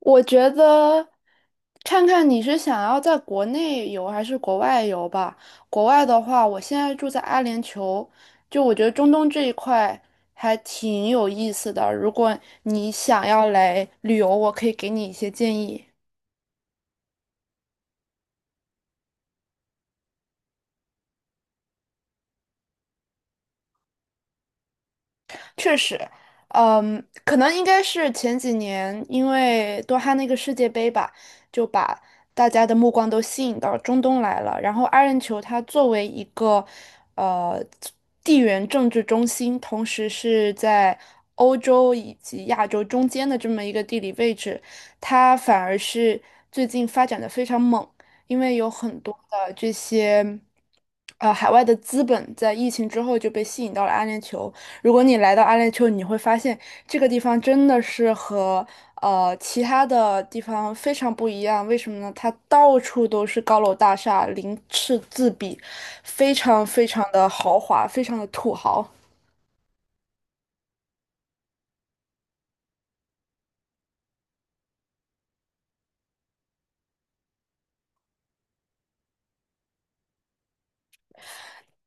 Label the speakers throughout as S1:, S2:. S1: 我觉得看看你是想要在国内游还是国外游吧。国外的话，我现在住在阿联酋，就我觉得中东这一块还挺有意思的。如果你想要来旅游，我可以给你一些建议。确实，可能应该是前几年因为多哈那个世界杯吧，就把大家的目光都吸引到中东来了。然后阿联酋它作为一个呃地缘政治中心，同时是在欧洲以及亚洲中间的这么一个地理位置，它反而是最近发展的非常猛，因为有很多的这些。海外的资本在疫情之后就被吸引到了阿联酋，如果你来到阿联酋，你会发现这个地方真的是和其他的地方非常不一样。为什么呢？它到处都是高楼大厦，鳞次栉比，非常非常的豪华，非常的土豪。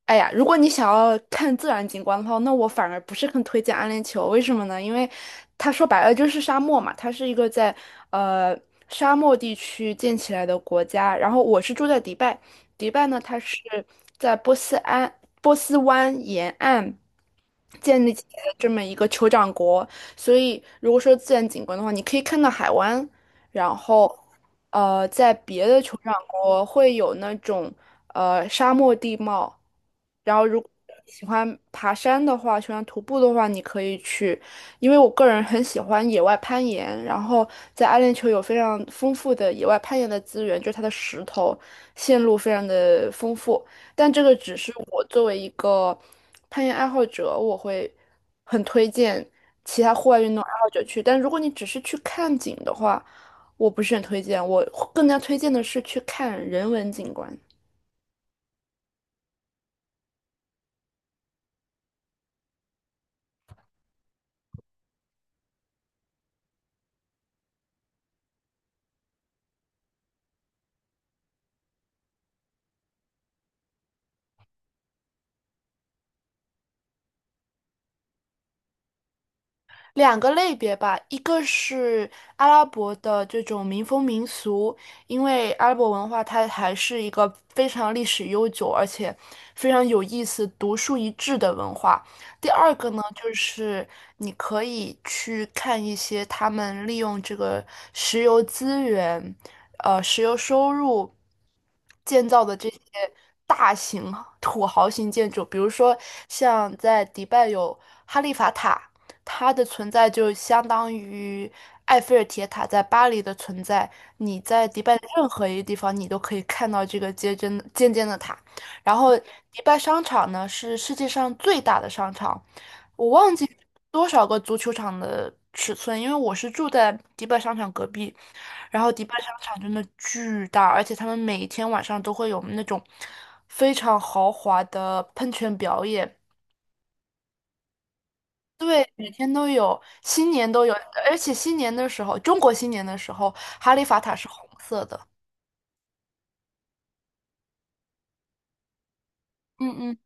S1: 哎呀，如果你想要看自然景观的话，那我反而不是很推荐阿联酋。为什么呢？因为它说白了就是沙漠嘛，它是一个在呃沙漠地区建起来的国家。然后我是住在迪拜，迪拜呢，它是在波斯湾沿岸建立起来的这么一个酋长国。所以如果说自然景观的话，你可以看到海湾，然后，在别的酋长国会有那种沙漠地貌，然后如果你喜欢爬山的话，喜欢徒步的话，你可以去，因为我个人很喜欢野外攀岩，然后在阿联酋有非常丰富的野外攀岩的资源，就是它的石头线路非常的丰富，但这个只是我作为一个攀岩爱好者，我会很推荐其他户外运动爱好者去，但如果你只是去看景的话，我不是很推荐，我更加推荐的是去看人文景观。两个类别吧，一个是阿拉伯的这种民风民俗，因为阿拉伯文化它还是一个非常历史悠久，而且非常有意思、独树一帜的文化。第二个呢，就是你可以去看一些他们利用这个石油资源，石油收入建造的这些大型土豪型建筑，比如说像在迪拜有哈利法塔。它的存在就相当于埃菲尔铁塔在巴黎的存在。你在迪拜的任何一个地方，你都可以看到这个尖尖尖尖的塔。然后，迪拜商场呢是世界上最大的商场，我忘记多少个足球场的尺寸，因为我是住在迪拜商场隔壁。然后，迪拜商场真的巨大，而且他们每天晚上都会有那种非常豪华的喷泉表演。对，每天都有，新年都有，而且新年的时候，中国新年的时候，哈利法塔是红色的。嗯嗯，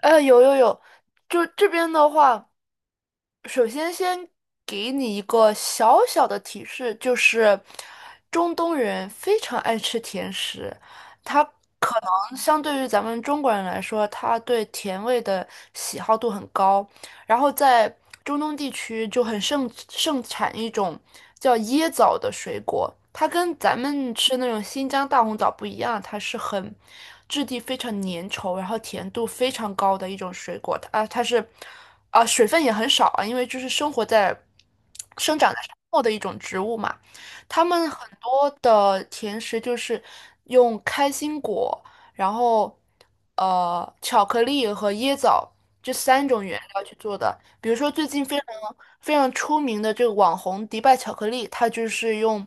S1: 有有有，就这边的话，首先先给你一个小小的提示，就是中东人非常爱吃甜食，他可能相对于咱们中国人来说，他对甜味的喜好度很高。然后在中东地区就很盛产一种叫椰枣的水果，它跟咱们吃那种新疆大红枣不一样，它是很质地非常粘稠，然后甜度非常高的一种水果。它是啊、水分也很少啊，因为就是生长在沙漠的一种植物嘛。他们很多的甜食就是用开心果，然后巧克力和椰枣这三种原料去做的。比如说最近非常非常出名的这个网红迪拜巧克力，它就是用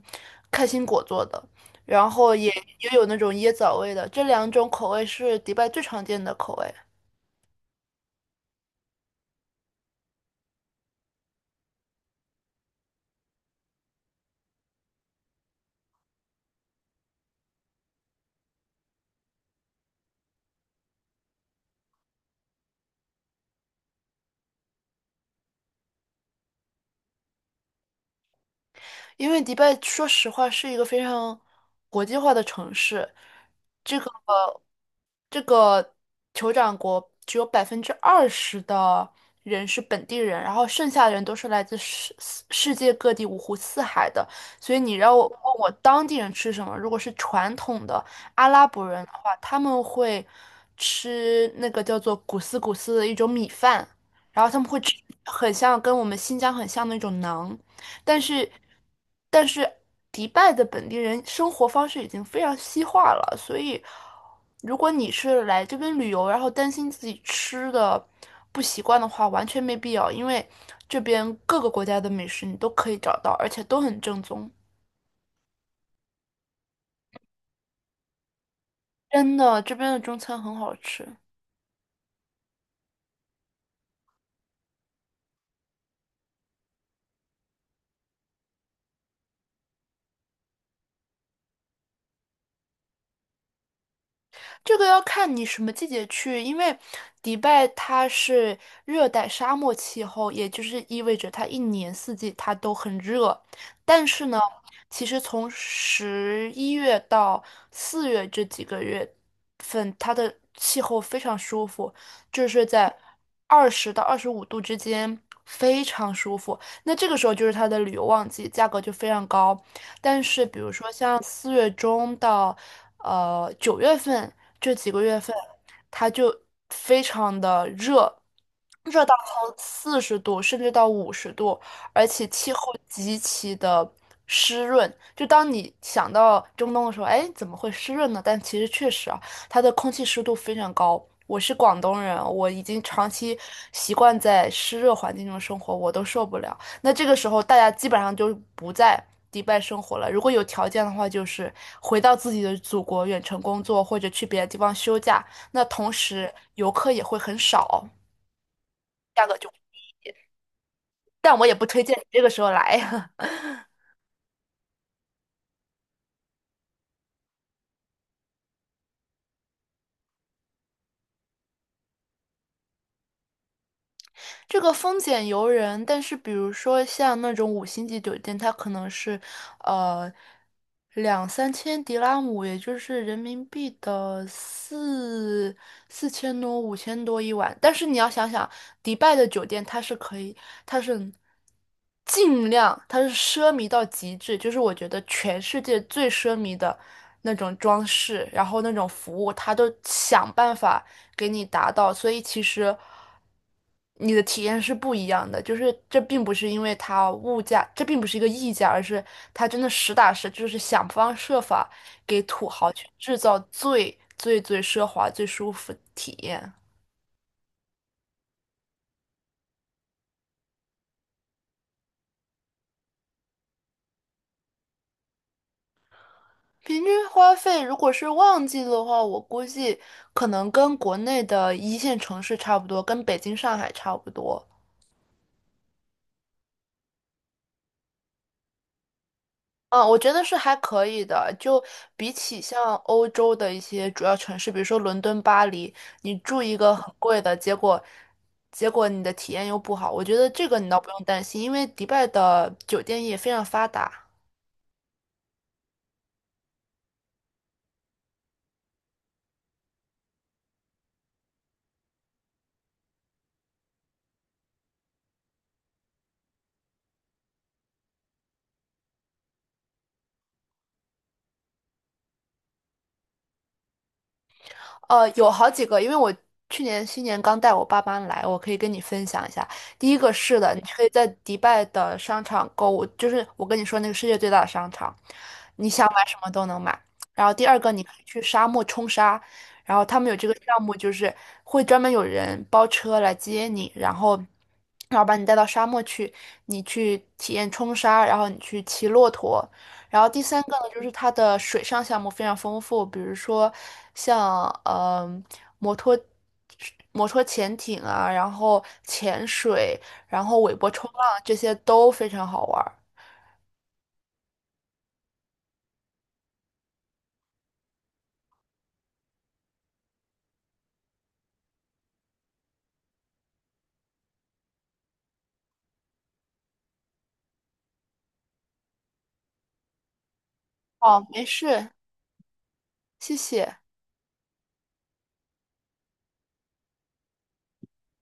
S1: 开心果做的，然后也有那种椰枣味的，这两种口味是迪拜最常见的口味。因为迪拜说实话是一个非常国际化的城市，这个这个酋长国只有20%的人是本地人，然后剩下的人都是来自世界各地五湖四海的。所以你让我问我当地人吃什么，如果是传统的阿拉伯人的话，他们会吃那个叫做古斯古斯的一种米饭，然后他们会吃很像跟我们新疆很像的那种馕。但是，但是迪拜的本地人生活方式已经非常西化了，所以如果你是来这边旅游，然后担心自己吃的不习惯的话，完全没必要，因为这边各个国家的美食你都可以找到，而且都很正宗。真的，这边的中餐很好吃。这个要看你什么季节去，因为迪拜它是热带沙漠气候，也就是意味着它一年四季它都很热。但是呢，其实从十一月到四月这几个月份，它的气候非常舒服，就是在20到25度之间，非常舒服。那这个时候就是它的旅游旺季，价格就非常高。但是比如说像四月中到九月份这几个月份，它就非常的热，热到从40度甚至到50度，而且气候极其的湿润。就当你想到中东的时候，哎，怎么会湿润呢？但其实确实啊，它的空气湿度非常高。我是广东人，我已经长期习惯在湿热环境中生活，我都受不了。那这个时候大家基本上就不在迪拜生活了。如果有条件的话，就是回到自己的祖国远程工作，或者去别的地方休假。那同时游客也会很少，价格就，但我也不推荐你这个时候来。这个风险由人，但是比如说像那种五星级酒店，它可能是呃两三千迪拉姆，也就是人民币的4000多、5000多一晚。但是你要想想，迪拜的酒店它是可以，它是尽量，它是奢靡到极致，就是我觉得全世界最奢靡的那种装饰，然后那种服务，它都想办法给你达到。所以其实，你的体验是不一样的，就是这并不是因为它物价，这并不是一个溢价，而是它真的实打实就是想方设法给土豪去制造最最最奢华、最舒服的体验。平均花费如果是旺季的话，我估计可能跟国内的一线城市差不多，跟北京、上海差不多。嗯，我觉得是还可以的。就比起像欧洲的一些主要城市，比如说伦敦、巴黎，你住一个很贵的，结果你的体验又不好。我觉得这个你倒不用担心，因为迪拜的酒店业非常发达，有好几个，因为我去年新年刚带我爸妈来，我可以跟你分享一下。第一个是的，你可以在迪拜的商场购物，就是我跟你说那个世界最大的商场，你想买什么都能买。然后第二个，你可以去沙漠冲沙，然后他们有这个项目，就是会专门有人包车来接你，然后把你带到沙漠去，你去体验冲沙，然后你去骑骆驼，然后第三个呢，就是它的水上项目非常丰富，比如说像摩托摩托潜艇啊，然后潜水，然后尾波冲浪这些都非常好玩儿。哦，没事，谢谢。